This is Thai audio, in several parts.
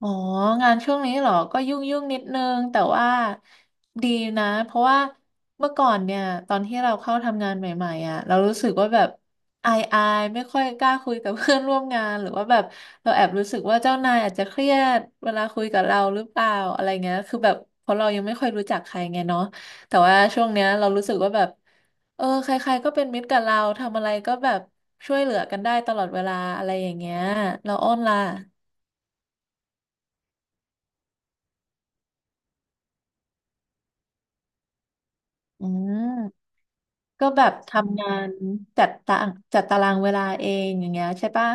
อ๋องานช่วงนี้เหรอก็ยุ่งนิดนึงแต่ว่าดีนะเพราะว่าเมื่อก่อนเนี่ยตอนที่เราเข้าทำงานใหม่ๆอ่ะเรารู้สึกว่าแบบอายไม่ค่อยกล้าคุยกับเพื่อนร่วมงานหรือว่าแบบเราแอบรู้สึกว่าเจ้านายอาจจะเครียดเวลาคุยกับเราหรือเปล่าอะไรเงี้ยคือแบบเพราะเรายังไม่ค่อยรู้จักใครไงเนาะแต่ว่าช่วงเนี้ยเรารู้สึกว่าแบบเออใครๆก็เป็นมิตรกับเราทำอะไรก็แบบช่วยเหลือกันได้ตลอดเวลาอะไรอย่างเงี้ยเราอ้อนล่ะอืม ก็แบบทำงานจัดตาจัดตารางเวลาเองอย่างเงี้ยใช่ปะ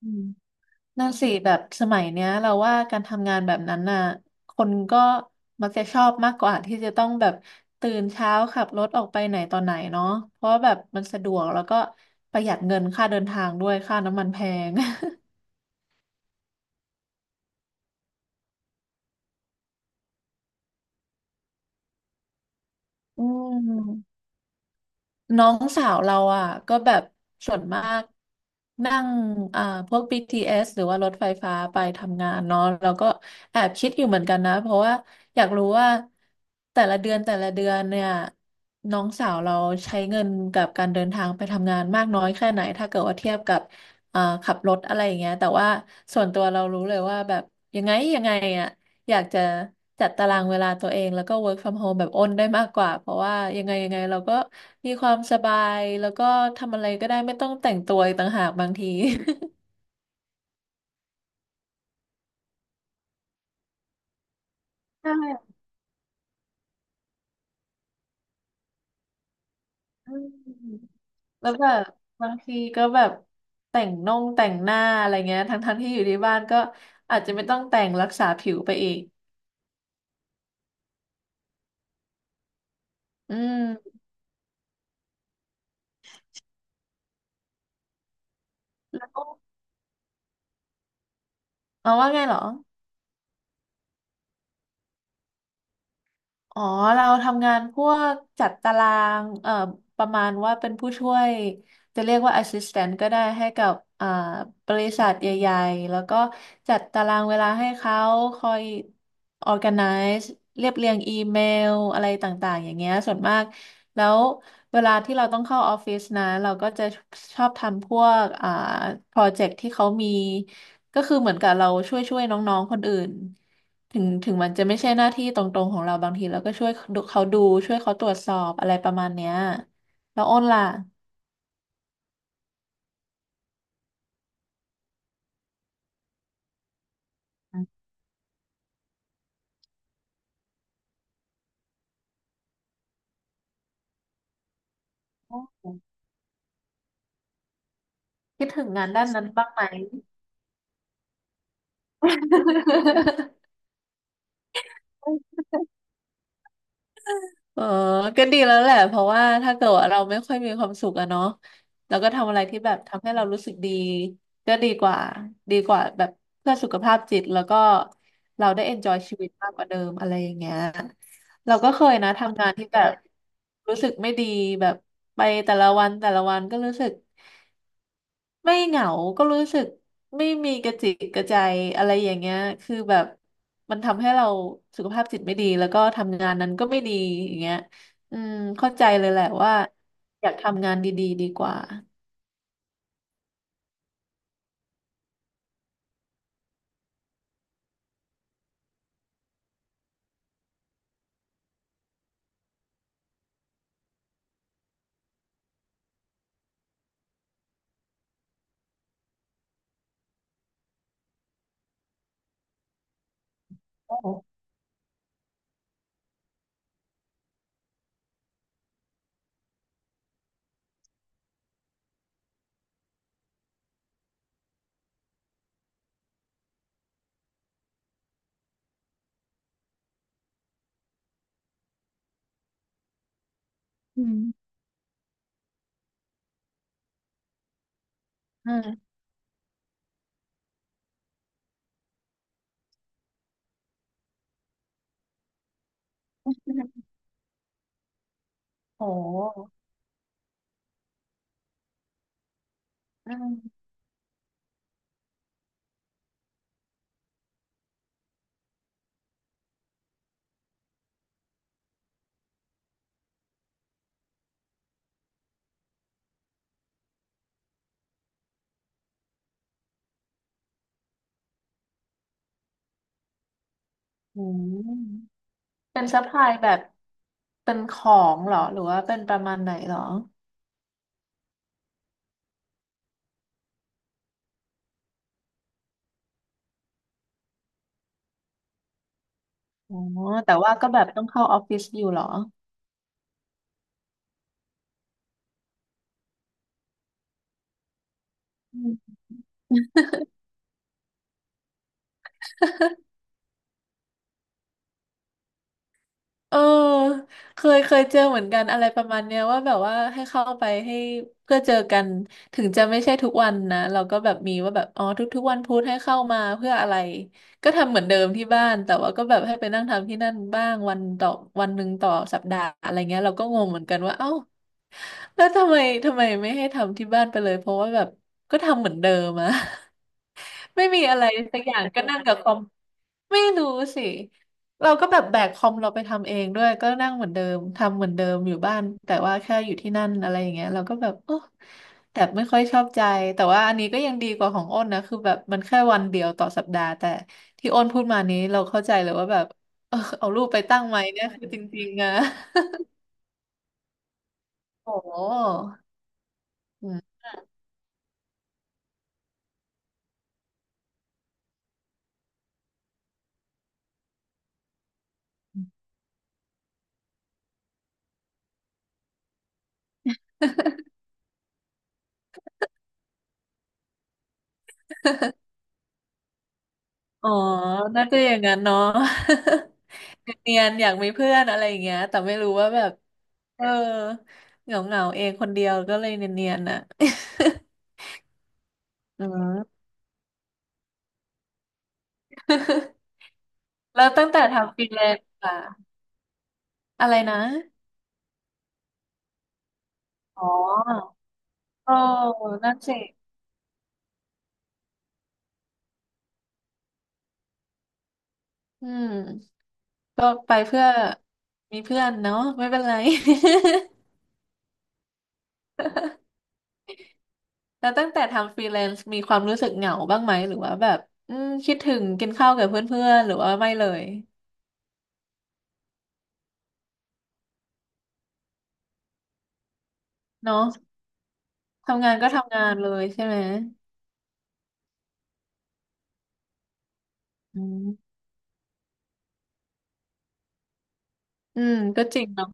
อืมนั่นสิแบบสมัยเนี้ยเราว่าการทำงานแบบนั้นน่ะคนก็มักจะชอบมากกว่าที่จะต้องแบบตื่นเช้าขับรถออกไปไหนต่อไหนเนาะเพราะว่าแบบมันสะดวกแล้วก็ประหยัดเงินค่าเดินทางด้วยค่าน้ำมันแพง อืม น้องสาวเราอ่ะก็แบบส่วนมากนั่งอ่าพวก BTS หรือว่ารถไฟฟ้าไปทำงานเนาะแล้วก็แอบคิดอยู่เหมือนกันนะเพราะว่าอยากรู้ว่าแต่ละเดือนเนี่ยน้องสาวเราใช้เงินกับการเดินทางไปทำงานมากน้อยแค่ไหนถ้าเกิดว่าเทียบกับขับรถอะไรอย่างเงี้ยแต่ว่าส่วนตัวเรารู้เลยว่าแบบยังไงอ่ะ อยากจะจัดตารางเวลาตัวเองแล้วก็ work from home แบบอ้นได้มากกว่าเพราะว่ายังไงเราก็มีความสบายแล้วก็ทำอะไรก็ได้ไม่ต้องแต่งตัวอีกต่างหากบางทีใช่อืมแล้วแบบบางทีก็แบบแต่งหน้าอะไรเงี้ยทั้งที่อยู่ที่บ้านก็อาจจะไม่ต้องแต่งรักษาผิวไปอีกอืมแล้วเอาว่าไงเหรอ อ๋อเราทำงานพวกจัดตารางประมาณว่าเป็นผู้ช่วยจะเรียกว่า assistant ก็ได้ให้กับอ่าบริษัทใหญ่ๆแล้วก็จัดตารางเวลาให้เขาคอย organize เรียบเรียงอีเมลอะไรต่างๆอย่างเงี้ยส่วนมากแล้วเวลาที่เราต้องเข้าออฟฟิศนะเราก็จะชอบทำพวกโปรเจกต์ที่เขามีก็คือเหมือนกับเราช่วยๆน้องๆคนอื่น ถึงมันจะไม่ใช่หน้าที่ตรงๆของเราบางทีเราก็ช่วยดูเขาดูช่วยเขาตรวจสอบอะไรประมาณเนี้ยแล้วอ้นล่ะอืมคิดถึงงานด้านนั้นบ้างไหม เออก็ดีแล้วแหละ เพราะว่าถ้าเกิดว่าเราไม่ค่อยมีความสุขอะเนาะแล้วก็ทำอะไรที่แบบทำให้เรารู้สึกดี ก็ดีกว่าดีกว่าแบบเพื่อสุขภาพจิต แล้วก็เราได้ enjoy ชีวิตมากกว่าเดิมอะไรอย่างเงี้ยเราก็เคยนะทำงานที่แบบรู้สึกไม่ดีแบบไปแต่ละวันก็รู้สึก ไม่เหงา ก็รู้สึกไม่มีกระจิกกระใจอะไรอย่างเงี้ย คือแบบมันทำให้เราสุขภาพจิตไม่ดี แล้วก็ทำงานนั้นก็ไม่ดีอย่างเงี้ยอืมเข้าใจเลยแหละว่าอยากทำงานดีๆดีกว่า โอ้อืมอืมโอ้อืมอืมเป็นซัพพลายแบบเป็นของเหรอ หรือว่าเป็นประมาณไหนเหรออ๋อแต่ว่าก็แบบต้องเข้าออฟฟิศอยู่เหรอ เออเคยเจอเหมือนกันอะไรประมาณเนี้ยว่าแบบว่าให้เข้าไปให้เพื่อเจอกันถึงจะไม่ใช่ทุกวันนะเราก็แบบมีว่าแบบอ๋อทุกๆวันพุธให้เข้ามาเพื่ออะไรก็ทำเหมือนเดิมที่บ้านแต่ว่าก็แบบให้ไปนั่งทำที่นั่นบ้างวันต่อวันหนึ่งต่อสัปดาห์อะไรเงี้ยเราก็งงเหมือนกันว่าเอ้าแล้วทำไมไม่ให้ทำที่บ้านไปเลยเพราะว่าแบบก็ทำเหมือนเดิมอะ ไม่มีอะไรสักอย่างก็นั่งกับคอมไม่รู้สิเราก็แบบแบกคอมเราไปทำเองด้วยก็นั่งเหมือนเดิมทำเหมือนเดิมอยู่บ้านแต่ว่าแค่อยู่ที่นั่นอะไรอย่างเงี้ยเราก็แบบโอ้แต่ไม่ค่อยชอบใจแต่ว่าอันนี้ก็ยังดีกว่าของอ้นนะคือแบบมันแค่วันเดียวต่อสัปดาห์แต่ที่อ้นพูดมานี้เราเข้าใจเลยว่าแบบเออเอารูปไปตั้งไว้เนี่ยคือจริงๆอะ โอ้ อ๋อน่าจะอย่างนั้นเนาะ เนียนๆอยากมีเพื่อนอะไรอย่างเงี้ยแต่ไม่รู้ว่าแบบเออเหงาๆเองคนเดียวก็เลยเนียนๆน่ะ อืม แล้วตั้งแต่ทำฟรีแลนซ์อะอะไรนะอ๋อโอ้นั่นสิอืมก็ไปเพื่อมีเพื่อนเนาะไม่เป็นไร แล้วตั้งแต่ทำฟรีแลนซ์มีความรู้สึกเหงาบ้างไหมหรือว่าแบบอืมคิดถึงกินข้าวกับเพื่อนๆหรือว่าไม่เลยเนาะ ทำงานก็ทำงานเลยใช่ไหม อืมอืมก็จริงเนาะ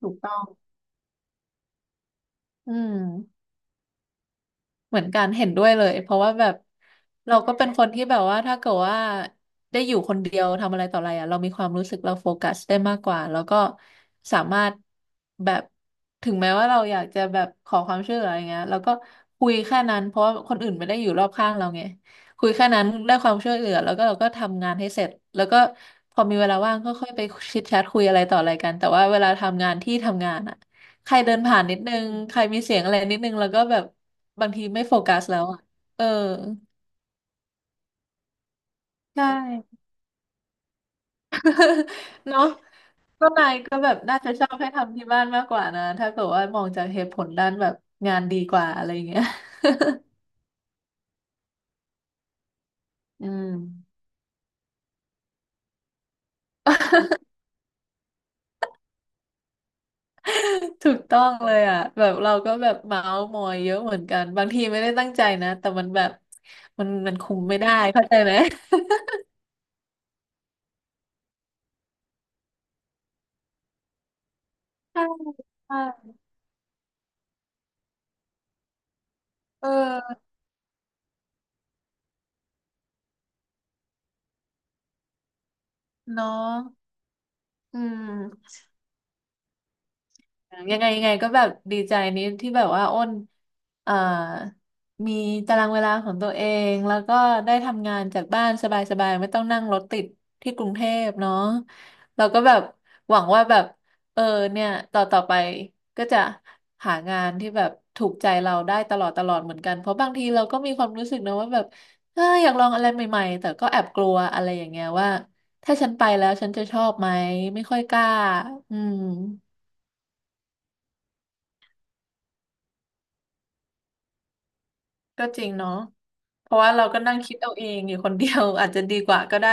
ถูกต้องอืม เหมือนกันเห็นด้วยเลยเพราะว่าแบบเราก็เป็นคนที่แบบว่าถ้าเกิดว่าได้อยู่คนเดียวทำอะไรต่ออะไรอ่ะเรามีความรู้สึกเราโฟกัสได้มากกว่าแล้วก็สามารถแบบถึงแม้ว่าเราอยากจะแบบขอความช่วยเหลืออะไรเงี้ยเราก็คุยแค่นั้นเพราะว่าคนอื่นไม่ได้อยู่รอบข้างเราไงคุยแค่นั้นได้ความช่วยเหลือแล้วก็เราก็ทำงานให้เสร็จแล้วก็พอมีเวลาว่างก็ค่อยไปชิดแชทคุยอะไรต่ออะไรกันแต่ว่าเวลาทำงานที่ทำงานอ่ะ ใครเดินผ่านนิดนึง ใครมีเสียงอะไรนิดนึง แล้วก็แบบบางทีไม่โฟกัสแล้วอ่ะเออใช่ เนาะก็นายก็แบบน่าจะชอบให้ทำที่บ้านมากกว่านะถ้าเกิดว่ามองจากเหตุผลด้านแบบงานดีกว่าอะไรอย่างเงี้ยอืม ถูกต้องเลยอ่ะแบบเราก็แบบเมาส์มอยเยอะเหมือนกัน บางทีไม่ได้ตั้งใจนะแต่มันแบบมันคุมไม่ได้เข้าใจไหมใช่ใช่เออเนาะอืม ยังไงยังไงก็แบบดีใจนี้ที่แบบว่าอ้นเอ่อมีตารางเวลาของตัวเองแล้วก็ได้ทำงานจากบ้านสบายๆไม่ต้องนั่งรถติดที่กรุงเทพเนาะเราก็แบบหวังว่าแบบเออเนี่ยต่อไปก็จะหางานที่แบบถูกใจเราได้ตลอดตลอดเหมือนกันเพราะบางทีเราก็มีความรู้สึกนะว่าแบบเอออยากลองอะไรใหม่ๆแต่ก็แอบกลัวอะไรอย่างเงี้ยว่าถ้าฉันไปแล้วฉันจะชอบไหมไม่ค่อยกล้าอืม ก็จริงเนาะเพราะว่าเราก็นั่งคิดเอาเองอยู่คนเดียว อาจจะดีกว่าก็ได้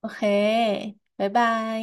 โอเคบ๊ายบาย